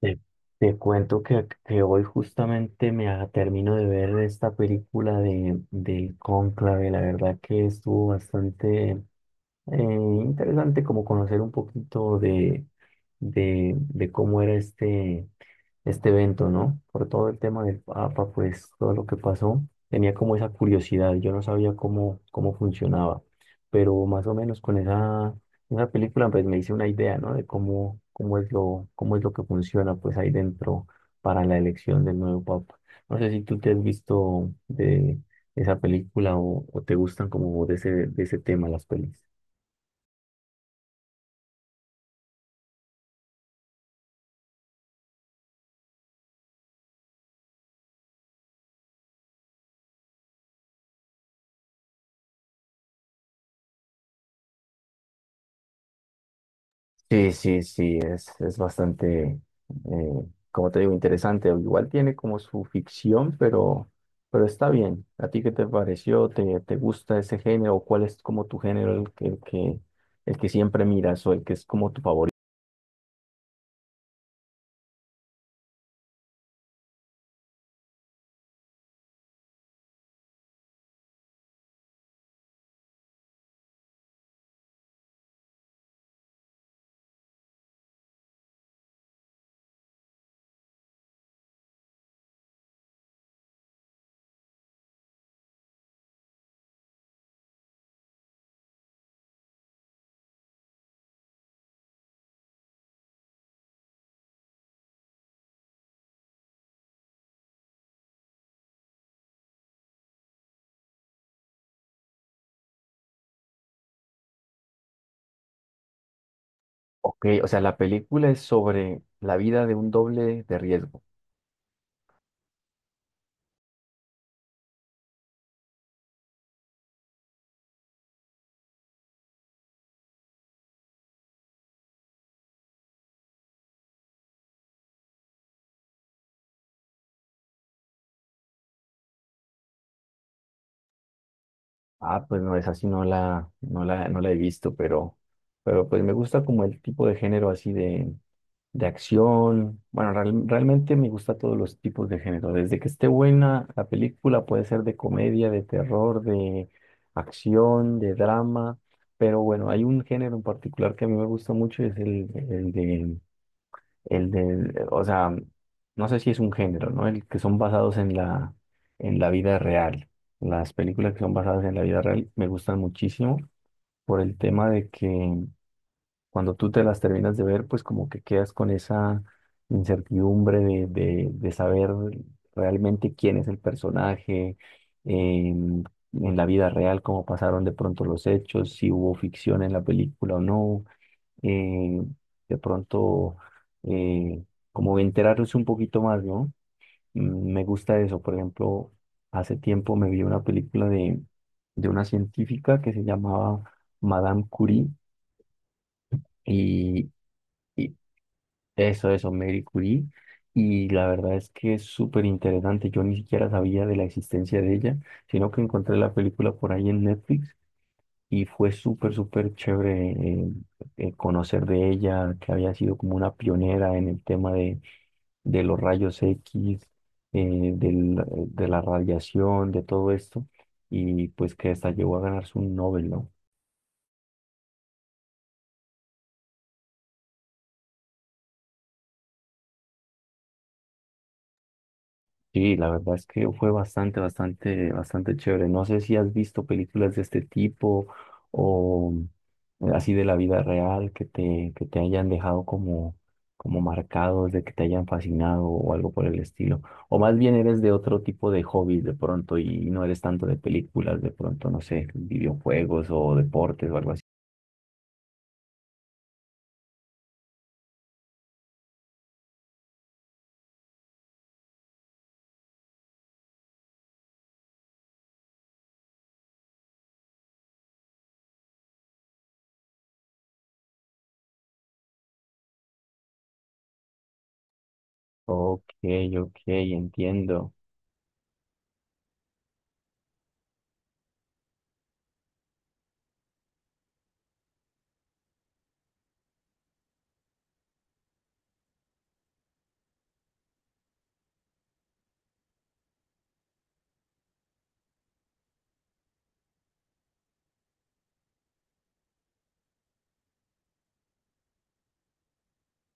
Te, te cuento que hoy justamente termino de ver esta película del Cónclave. La verdad que estuvo bastante interesante como conocer un poquito de cómo era este evento, ¿no? Por todo el tema del Papa, pues todo lo que pasó, tenía como esa curiosidad, yo no sabía cómo funcionaba, pero más o menos con esa película pues me hice una idea, ¿no? De cómo es lo que funciona pues ahí dentro para la elección del nuevo Papa. No sé si tú te has visto de esa película o te gustan como de de ese tema las pelis. Sí, sí, sí, es bastante, eh, como te digo, interesante. Igual tiene como su ficción, pero está bien. ¿A ti qué te pareció? ¿Te gusta ese género? ¿Cuál es como tu género, el que siempre miras o el que es como tu favorito? Ok, o sea, la película es sobre la vida de un doble de riesgo. Ah, pues no, es así, no la he visto, pero pues me gusta como el tipo de género así de acción. Bueno, realmente me gusta todos los tipos de género. Desde que esté buena la película, puede ser de comedia, de terror, de acción, de drama. Pero bueno, hay un género en particular que a mí me gusta mucho, es o sea, no sé si es un género, ¿no? El que son basados en en la vida real. Las películas que son basadas en la vida real me gustan muchísimo por el tema de que cuando tú te las terminas de ver, pues como que quedas con esa incertidumbre de saber realmente quién es el personaje, em, en la vida real, cómo pasaron de pronto los hechos, si hubo ficción en la película o no, eh, de pronto eh, como enterarse un poquito más, ¿no? Me gusta eso, por ejemplo, hace tiempo me vi una película de una científica que se llamaba Madame Curie y, y Eso, eso, Marie Curie. Y la verdad es que es súper interesante. Yo ni siquiera sabía de la existencia de ella, sino que encontré la película por ahí en Netflix y fue súper, súper chévere conocer de ella, que había sido como una pionera en el tema de los rayos X, de la radiación, de todo esto, y pues que hasta llegó a ganarse un Nobel, ¿no? Sí, la verdad es que fue bastante, bastante, bastante chévere. No sé si has visto películas de este tipo o así de la vida real que que te hayan dejado como, como marcados, de que te hayan fascinado o algo por el estilo. O más bien eres de otro tipo de hobbies de pronto y no eres tanto de películas, de pronto, no sé, videojuegos o deportes o algo así. Ok, ok, entiendo.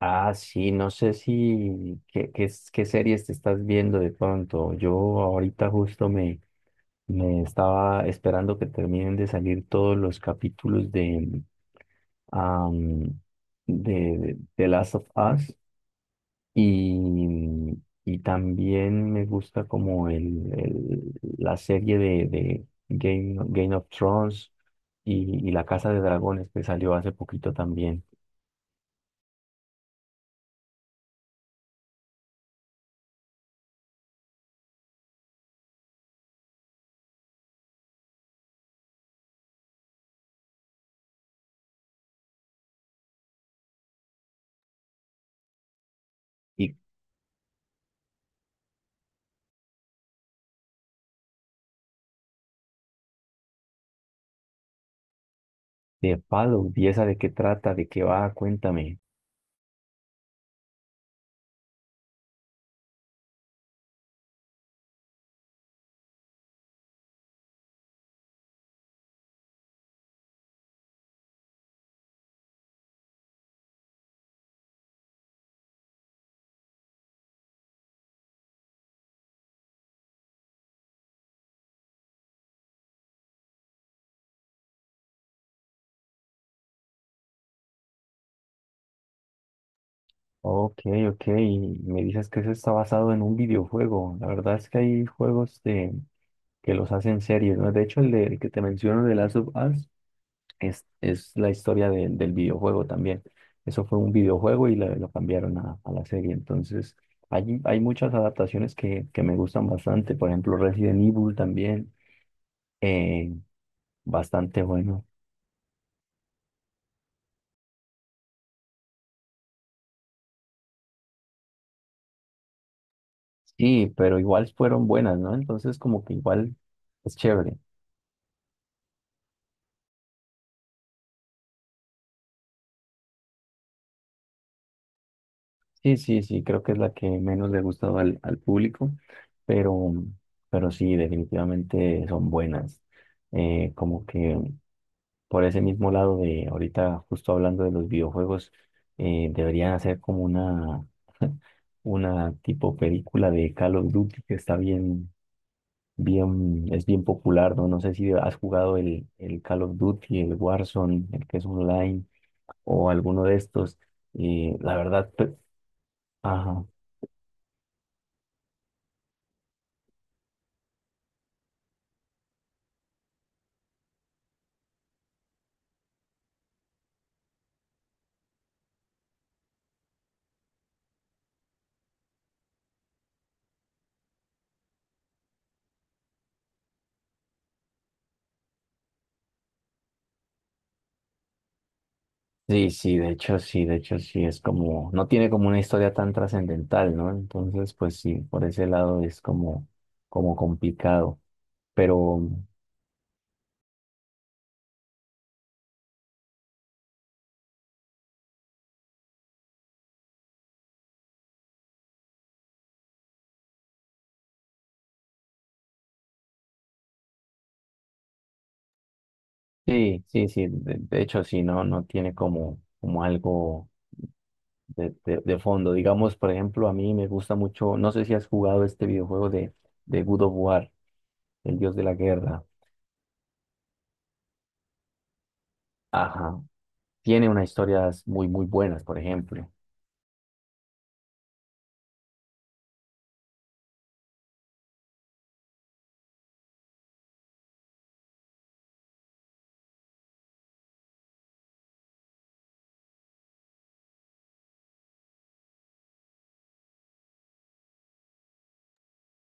Ah, sí, no sé si qué series te estás viendo de pronto. Yo ahorita justo me estaba esperando que terminen de salir todos los capítulos am, de The Last of Us y, y también me gusta como la serie de Game of Thrones y La Casa de Dragones que salió hace poquito también. De Palo, ¿y esa de qué trata? ¿De qué va? Cuéntame. Ok, ok, me dices que eso está basado en un videojuego. La verdad es que hay juegos de, que los hacen series, ¿no? De hecho, el que te menciono de Last of Us es la historia del videojuego también. Eso fue un videojuego y lo cambiaron a la serie. Entonces, hay muchas adaptaciones que me gustan bastante. Por ejemplo, Resident Evil también, eh, bastante bueno. Sí, pero igual fueron buenas, ¿no? Entonces como que igual es chévere. Sí, sí, sí, creo que es la que menos le ha gustado al público, pero, pero sí, definitivamente son buenas. Como que por ese mismo lado de ahorita, justo hablando de los videojuegos, deberían hacer como una, una tipo película de Call of Duty que está bien, bien, es bien popular, ¿no? No sé si has jugado el Call of Duty, el Warzone, el que es online o alguno de estos. Y la verdad, ajá. Sí, sí, de hecho, sí, de hecho, sí, es como, no tiene como una historia tan trascendental, ¿no? Entonces, pues sí, por ese lado es como, como complicado. Pero sí, sí, sí, de hecho, sí, no, no tiene como, como algo de fondo. Digamos, por ejemplo, a mí me gusta mucho, no sé si has jugado este videojuego de God of War, el dios de la guerra. Ajá. Tiene unas historias muy, muy buenas, por ejemplo.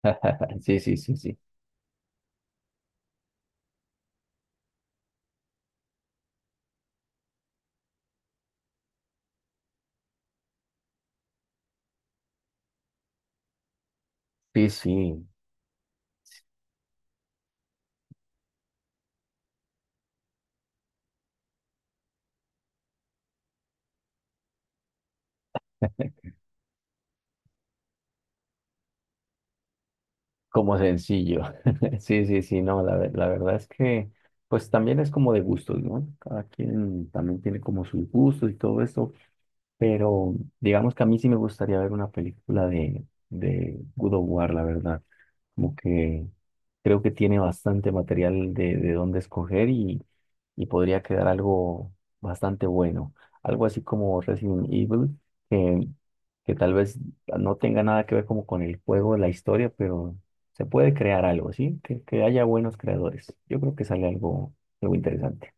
Sí, sí, sí, sí. Sí, sí, como sencillo. Sí, sí, sí, no, la verdad es pues también es como de gustos, ¿no? Cada quien también tiene como sus gustos y todo eso, pero digamos que a mí sí me gustaría ver una película de God of War, la verdad. Como que creo que tiene bastante material de dónde escoger y podría quedar algo bastante bueno. Algo así como Resident Evil. que, que tal vez no tenga nada que ver como con el juego, la historia, pero se puede crear algo, ¿sí? Que haya buenos creadores. Yo creo que sale algo, algo interesante.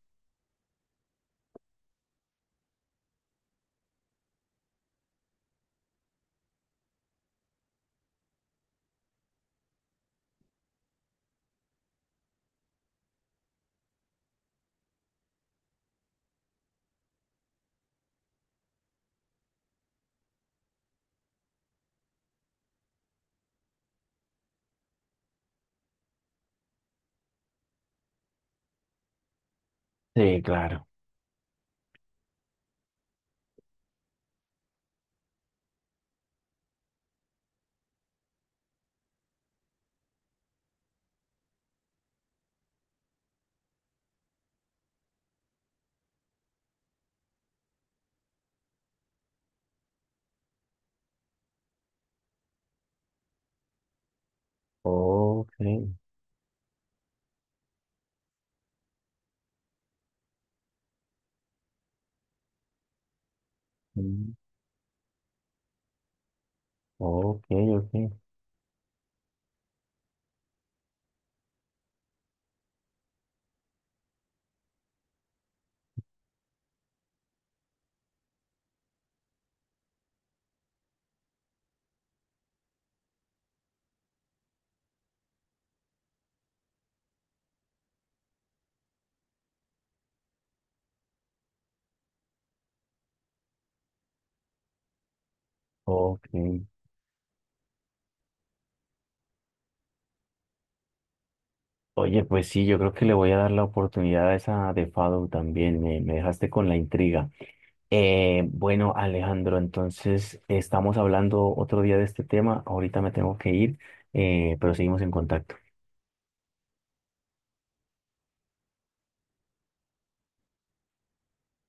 Sí, claro. Ok, mm, ok, ok, ok. Oye, pues sí, yo creo que le voy a dar la oportunidad a esa de Fado también. Me dejaste con la intriga. Bueno, Alejandro, entonces estamos hablando otro día de este tema. Ahorita me tengo que ir, pero seguimos en contacto.